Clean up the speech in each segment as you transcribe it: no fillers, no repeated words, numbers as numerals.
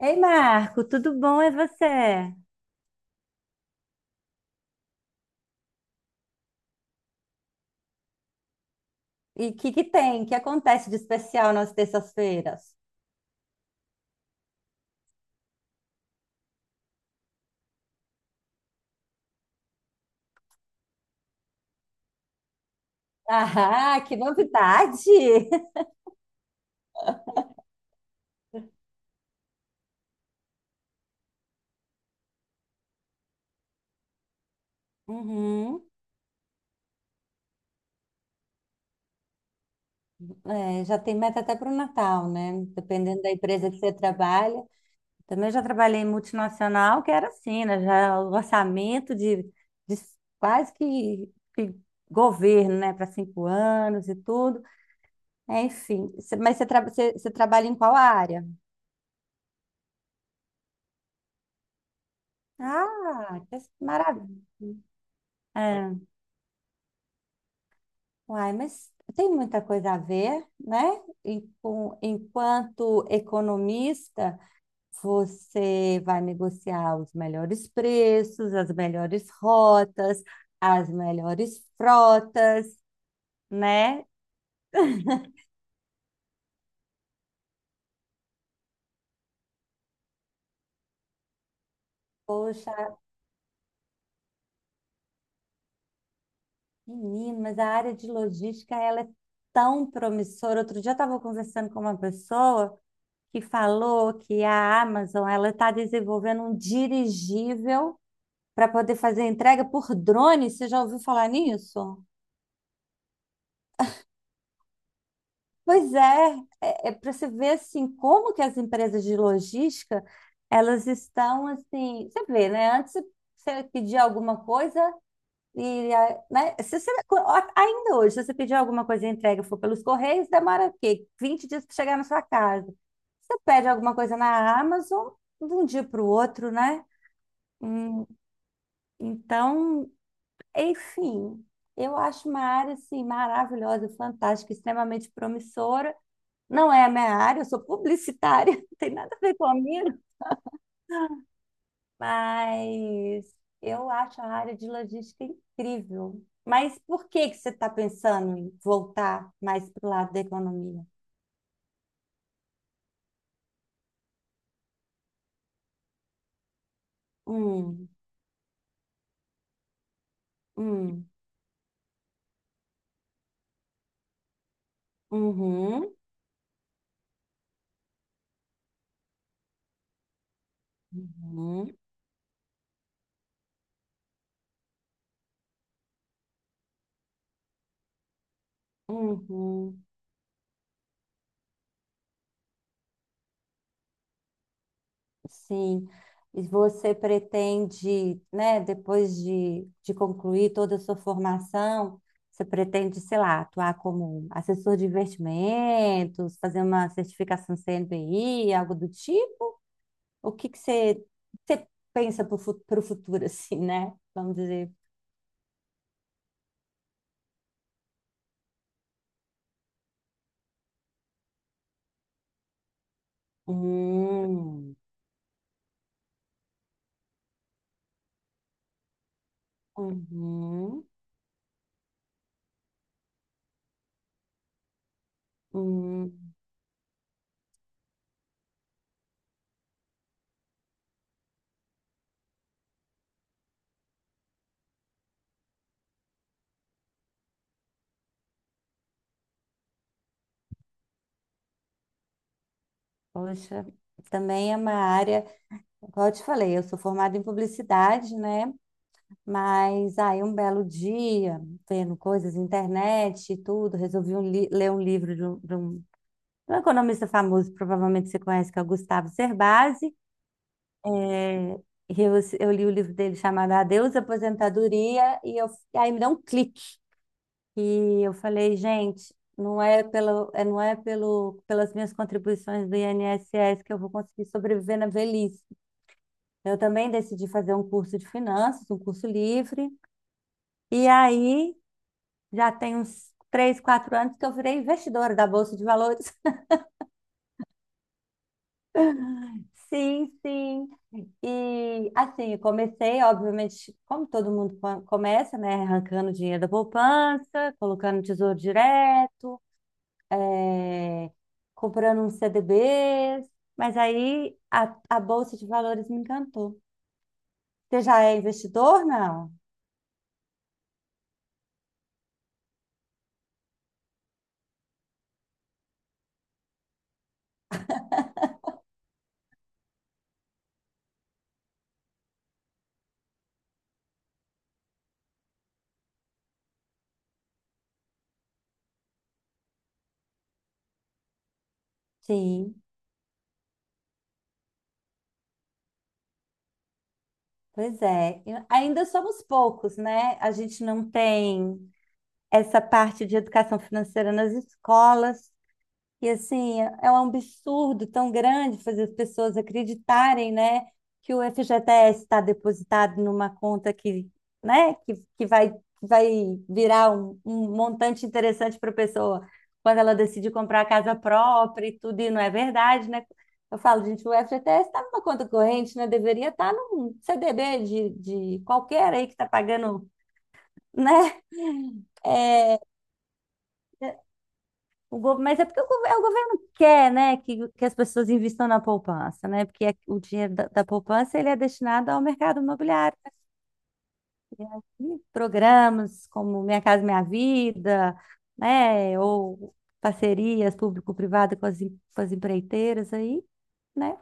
Ei, Marco, tudo bom? É você? E o que que tem? O que acontece de especial nas terças-feiras? Ah, que novidade! Uhum. É, já tem meta até para o Natal, né? Dependendo da empresa que você trabalha. Também já trabalhei em multinacional, que era assim, né? Já o orçamento de quase que governo, né? Para 5 anos e tudo. É, enfim, mas você, você trabalha em qual área? Ah, que maravilha! É. Uai, mas tem muita coisa a ver, né? Enquanto economista, você vai negociar os melhores preços, as melhores rotas, as melhores frotas, né? Poxa, menino, mas a área de logística, ela é tão promissora. Outro dia eu estava conversando com uma pessoa que falou que a Amazon, ela está desenvolvendo um dirigível para poder fazer a entrega por drone. Você já ouviu falar nisso? Pois é, para você ver assim como que as empresas de logística elas estão assim. Você vê, né? Antes você pedia alguma coisa né? Se você- ó, ainda hoje, se você pedir alguma coisa e a entrega for pelos Correios, demora o quê? 20 dias para chegar na sua casa. Você pede alguma coisa na Amazon de um dia para o outro, né? Hum, Então, enfim, eu acho uma área assim maravilhosa, fantástica, extremamente promissora. Não é a minha área, eu sou publicitária, não tem nada a ver comigo, mas eu acho a área de logística incrível. Mas por que que você está pensando em voltar mais para o lado da economia? Hum, hum, uhum, uhum, uhum. Sim. E você pretende, né, depois de concluir toda a sua formação, você pretende, sei lá, atuar como assessor de investimentos, fazer uma certificação CNPI, algo do tipo? O que que você pensa para o futuro, assim, né? Vamos dizer. Hum, uhum, hum. Poxa, também é uma área, como eu te falei, eu sou formada em publicidade, né? Mas aí um belo dia, vendo coisas na internet e tudo, resolvi ler um livro de um economista famoso, provavelmente você conhece, que é o Gustavo Cerbasi. É, e eu, eu li o livro dele chamado Adeus Aposentadoria, e aí me deu um clique. E eu falei, gente, não é pelo, pelas minhas contribuições do INSS que eu vou conseguir sobreviver na velhice. Eu também decidi fazer um curso de finanças, um curso livre. E aí já tem uns 3, 4 anos que eu virei investidora da Bolsa de Valores. Sim, sim. E assim, eu comecei, obviamente, como todo mundo começa, né? Arrancando dinheiro da poupança, colocando no tesouro direto, eh, comprando uns CDBs. Mas aí a Bolsa de Valores me encantou. Você já é investidor, não? Sim, pois é. Ainda somos poucos, né? A gente não tem essa parte de educação financeira nas escolas. E assim, é um absurdo tão grande fazer as pessoas acreditarem, né, que o FGTS está depositado numa conta que, né, que vai virar um montante interessante para a pessoa quando ela decide comprar a casa própria e tudo, e não é verdade, né? Eu falo, gente, o FGTS está numa conta corrente, né? Deveria estar tá num CDB de qualquer aí que está pagando, né? É, mas é porque é o governo quer, né, que as pessoas invistam na poupança, né? Porque o dinheiro da poupança ele é destinado ao mercado imobiliário, né? E programas como Minha Casa Minha Vida, né? Ou parcerias público-privada com as empreiteiras aí, né?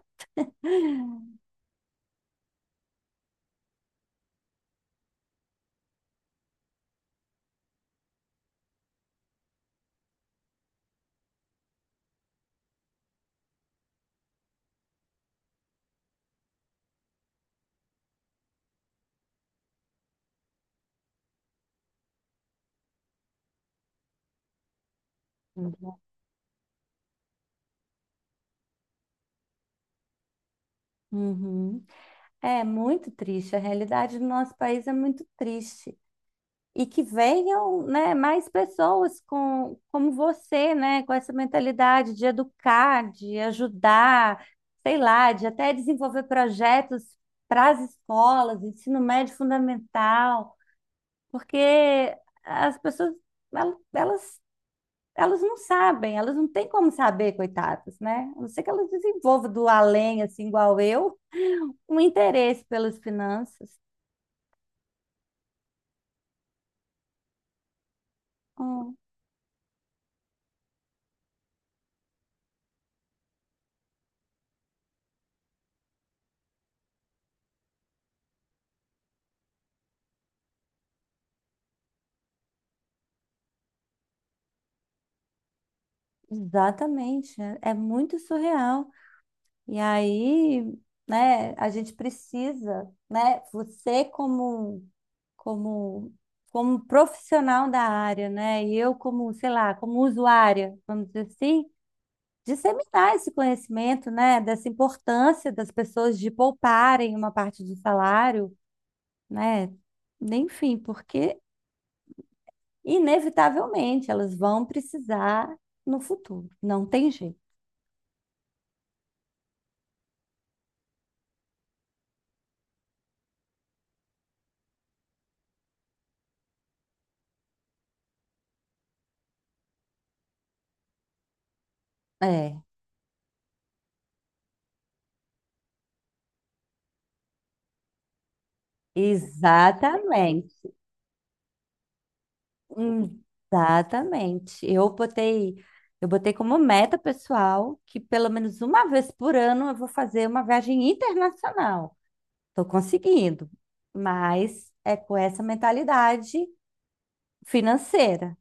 Uhum. É muito triste. A realidade do nosso país é muito triste. E que venham, né, mais pessoas como você, né, com essa mentalidade de educar, de ajudar, sei lá, de até desenvolver projetos para as escolas, ensino médio fundamental, porque as pessoas, el- elas, elas não sabem, elas não têm como saber, coitadas, né? A não ser que elas desenvolvam do além, assim, igual eu, um interesse pelas finanças. Hum. Exatamente, é muito surreal. E aí, né, a gente precisa, né, você como como profissional da área, né, e eu como, sei lá, como usuária, vamos dizer assim, disseminar esse conhecimento, né, dessa importância das pessoas de pouparem uma parte do salário, né, enfim, porque inevitavelmente elas vão precisar no futuro, não tem jeito. É, exatamente. Hum. Exatamente. Eu botei como meta pessoal que pelo menos uma vez por ano eu vou fazer uma viagem internacional. Estou conseguindo, mas é com essa mentalidade financeira.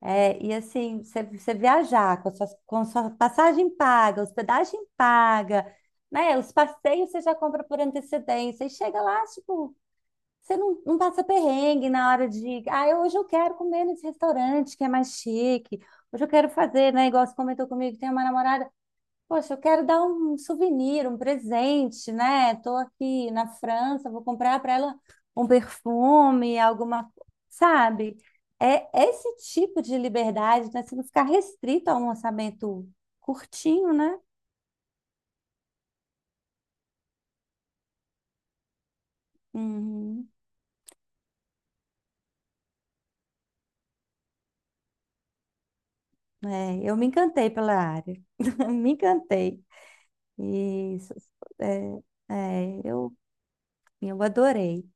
É, e assim, você viajar com a sua passagem paga, hospedagem paga, né? Os passeios você já compra por antecedência e chega lá, tipo, você não passa perrengue na hora de. Ah, hoje eu quero comer nesse restaurante que é mais chique. Hoje eu quero fazer, né? Igual você comentou comigo, tem uma namorada. Poxa, eu quero dar um souvenir, um presente, né? Tô aqui na França, vou comprar para ela um perfume, alguma. Sabe? É esse tipo de liberdade, né? Você não ficar restrito a um orçamento curtinho, né? Uhum. É, eu me encantei pela área. Me encantei. Isso. É, é, eu, eu adorei.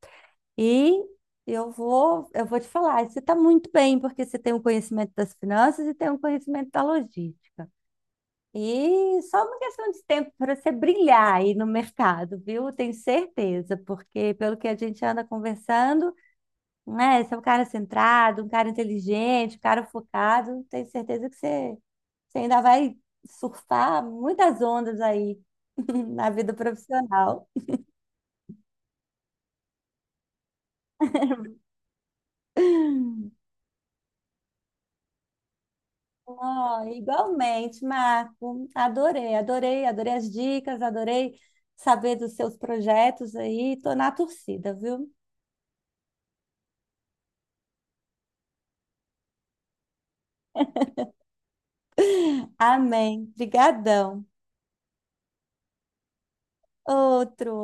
E eu vou te falar, você está muito bem, porque você tem um conhecimento das finanças e tem um conhecimento da logística. E só uma questão de tempo para você brilhar aí no mercado, viu? Tenho certeza, porque pelo que a gente anda conversando, né? Você é um cara centrado, um cara inteligente, um cara focado. Tenho certeza que você ainda vai surfar muitas ondas aí na vida profissional. Oh, igualmente, Marco. Adorei, adorei, adorei as dicas, adorei saber dos seus projetos aí. Tô na torcida, viu? Amém. Obrigadão. Outro.